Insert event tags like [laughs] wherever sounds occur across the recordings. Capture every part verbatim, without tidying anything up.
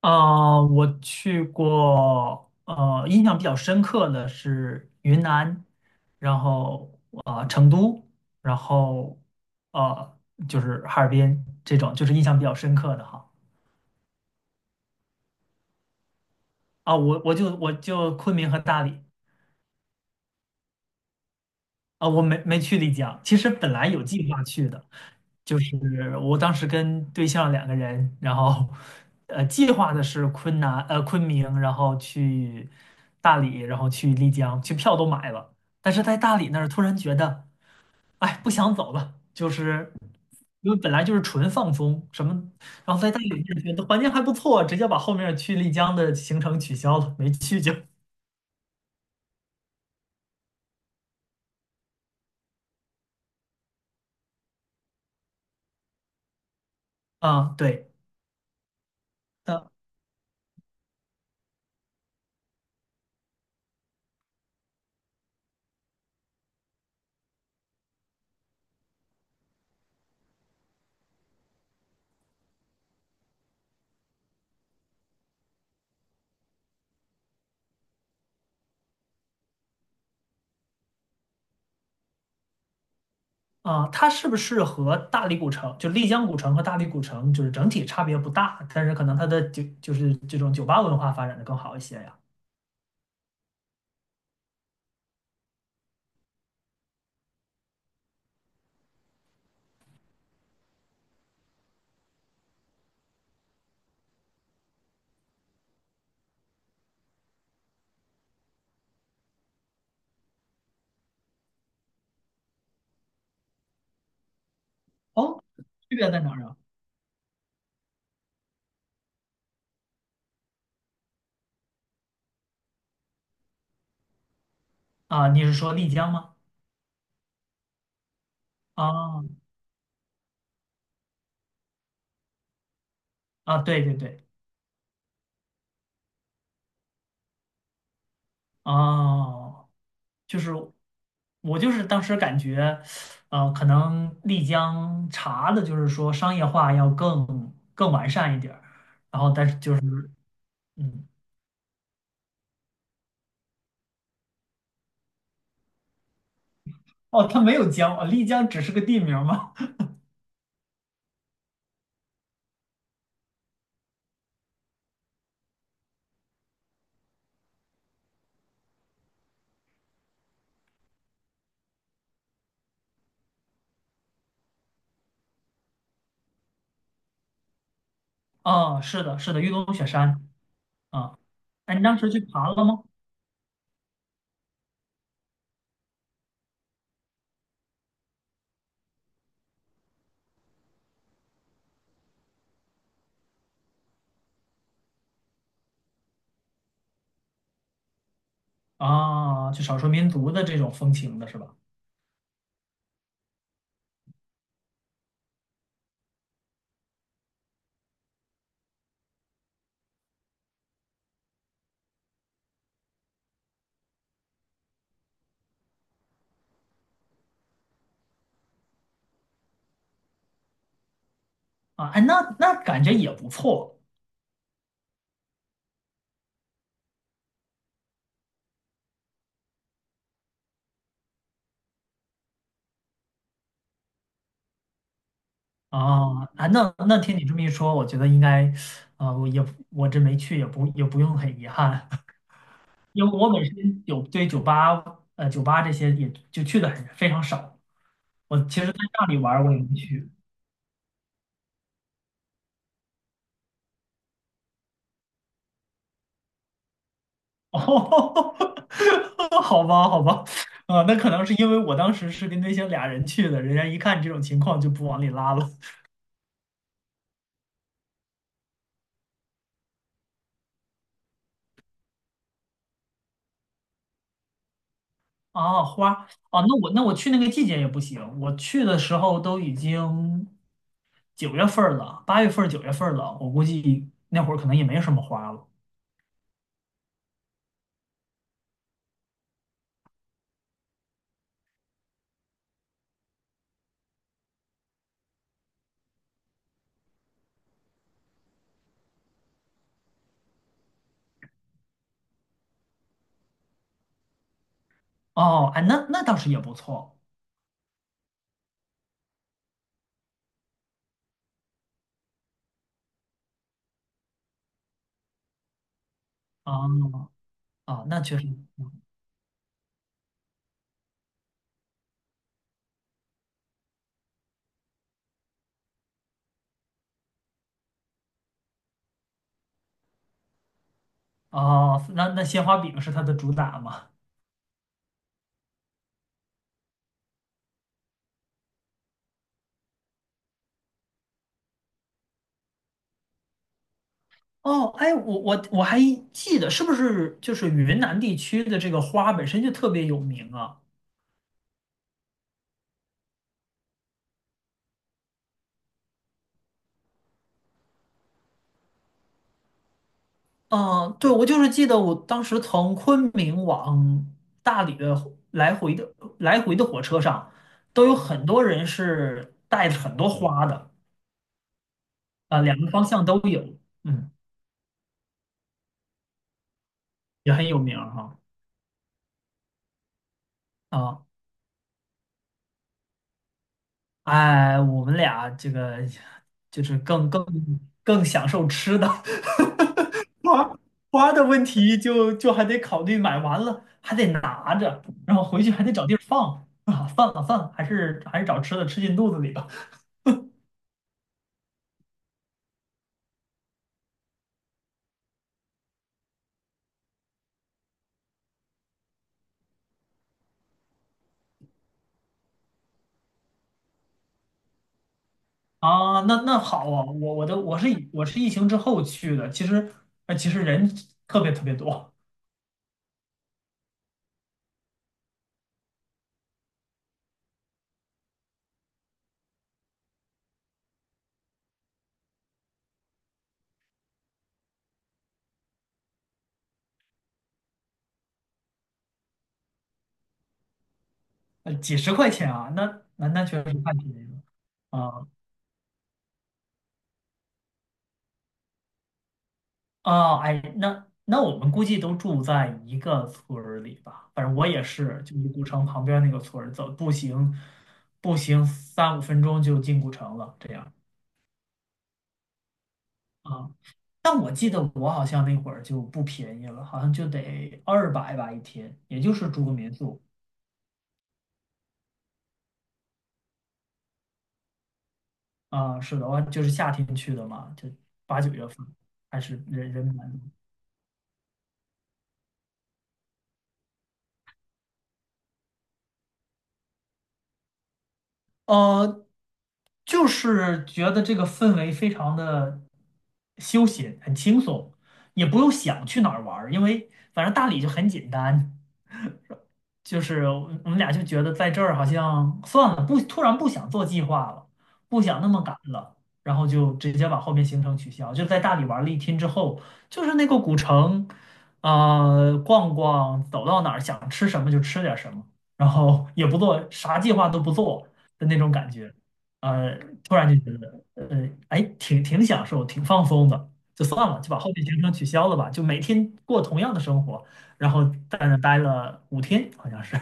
啊、我去过，呃，印象比较深刻的是云南，然后啊、呃成都，然后呃，就是哈尔滨这种，就是印象比较深刻的哈。啊，我我就我就昆明和大理。啊，我没没去丽江，其实本来有计划去的，就是我当时跟对象两个人，然后呃计划的是昆南呃昆明，然后去大理，然后去丽江，去票都买了，但是在大理那儿突然觉得，哎，不想走了，就是因为本来就是纯放松什么，然后在大理那儿觉得环境还不错，直接把后面去丽江的行程取消了，没去就啊，对。啊，它是不是和大理古城，就丽江古城和大理古城，就是整体差别不大，但是可能它的就就是这种酒吧文化发展的更好一些呀？哦，区别在哪儿啊？啊，你是说丽江吗？啊啊，对对对，哦，就是我就是当时感觉，呃，可能丽江茶的就是说商业化要更更完善一点儿，然后但是就是嗯，哦，它没有江啊，丽江只是个地名吗？啊，是的，是的，玉龙雪山啊，哎，你当时去爬了吗？啊，就少数民族的这种风情的是吧？啊，哎，那那感觉也不错啊，哎，那那听你这么一说，我觉得应该，啊，我也我这没去，也不也不用很遗憾，[laughs] 因为我本身有对酒吧，呃，酒吧这些也就去的很非常少，我其实在那里玩儿我也没去哦，[laughs] 好吧，好吧，啊、那可能是因为我当时是跟那些俩人去的，人家一看这种情况就不往里拉了。[laughs] 啊，花儿啊，那我那我去那个季节也不行，我去的时候都已经九月份儿了，八月份儿、九月份儿了，我估计那会儿可能也没什么花了。哦，哎，那那倒是也不错啊啊，那确实，哦，那那鲜花饼是它的主打嘛。哦，哎，我我我还记得，是不是就是云南地区的这个花本身就特别有名啊？嗯，对，我就是记得我当时从昆明往大理的来回的来回的火车上，都有很多人是带着很多花的，啊、两个方向都有，嗯，也很有名儿哈。啊，哎，我们俩这个就是更更更享受吃的，[laughs] 花花的问题就就还得考虑，买完了还得拿着，然后回去还得找地儿放啊，算了算了，还是还是找吃的吃进肚子里吧。啊，那那好啊，我我的我是以我是疫情之后去的，其实呃其实人特别特别多，呃几十块钱啊，那那那确实太便宜了啊。哦，哎，那那我们估计都住在一个村儿里吧。反正我也是，就是古城旁边那个村儿，走步行，步行三五分钟就进古城了。这样啊，但我记得我好像那会儿就不便宜了，好像就得二百吧一天，也就是住个民宿啊。是的，我就是夏天去的嘛，就八九月份，还是人人蛮多。呃，就是觉得这个氛围非常的休闲，很轻松，也不用想去哪儿玩儿因为反正大理就很简单。就是我我们俩就觉得在这儿好像算了，不，突然不想做计划了，不想那么赶了，然后就直接把后面行程取消。就在大理玩了一天之后，就是那个古城，呃，逛逛，走到哪儿想吃什么就吃点儿什么，然后也不做啥计划都不做的那种感觉，呃，突然就觉得，呃，哎，挺挺享受，挺放松的，就算了，就把后面行程取消了吧，就每天过同样的生活。然后在那待了五天，好像是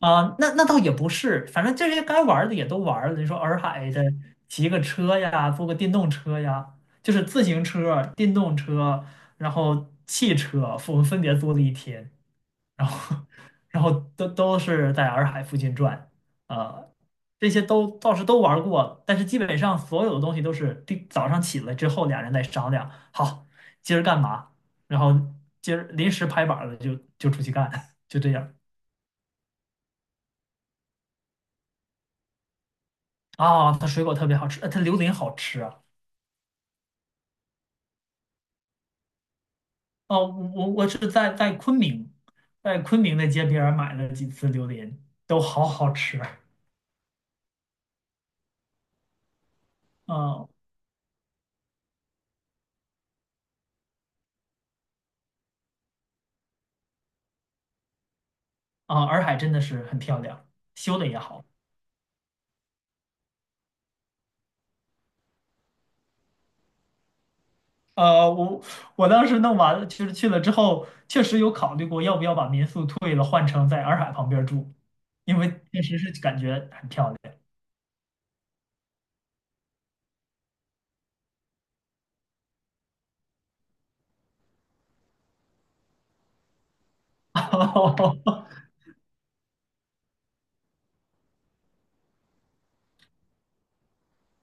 啊、呃那那倒也不是，反正这些该玩的也都玩了。你说洱海的，骑个车呀，坐个电动车呀，就是自行车、电动车，然后汽车，我们分别租了一天。然后 [laughs] 然后都都是在洱海附近转，呃，这些都倒是都玩儿过，但是基本上所有的东西都是第早上起来之后，俩人再商量，好，今儿干嘛，然后今儿临时拍板儿了就就出去干，[laughs] 就这样啊。它水果特别好吃，呃，它榴莲好吃啊。哦，我我是在在昆明，在昆明的街边儿买了几次榴莲，都好好吃啊。嗯啊，洱海真的是很漂亮，修的也好。呃，我我当时弄完了，就实去了之后，确实有考虑过要不要把民宿退了，换成在洱海旁边儿住，因为确实是感觉很漂亮。[laughs]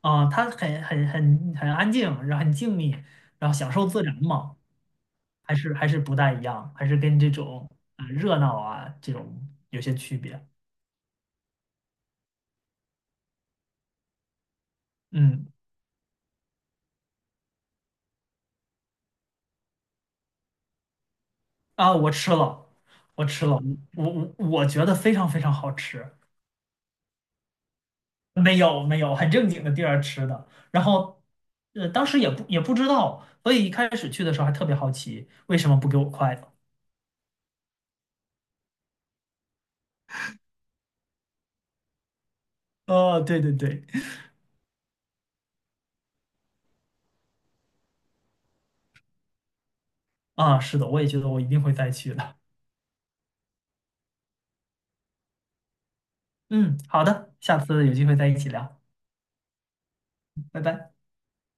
啊它很很很很安静，然后很静谧，然后享受自然嘛，还是还是不大一样，还是跟这种啊呃热闹啊这种有些区别。嗯啊，我吃了，我吃了，我我我觉得非常非常好吃。没有没有，很正经的地儿吃的。然后，呃，当时也不也不知道，所以一开始去的时候还特别好奇，为什么不给我筷子？哦，对对对，啊，是的，我也觉得我一定会再去的。嗯，好的，下次有机会再一起聊，拜拜。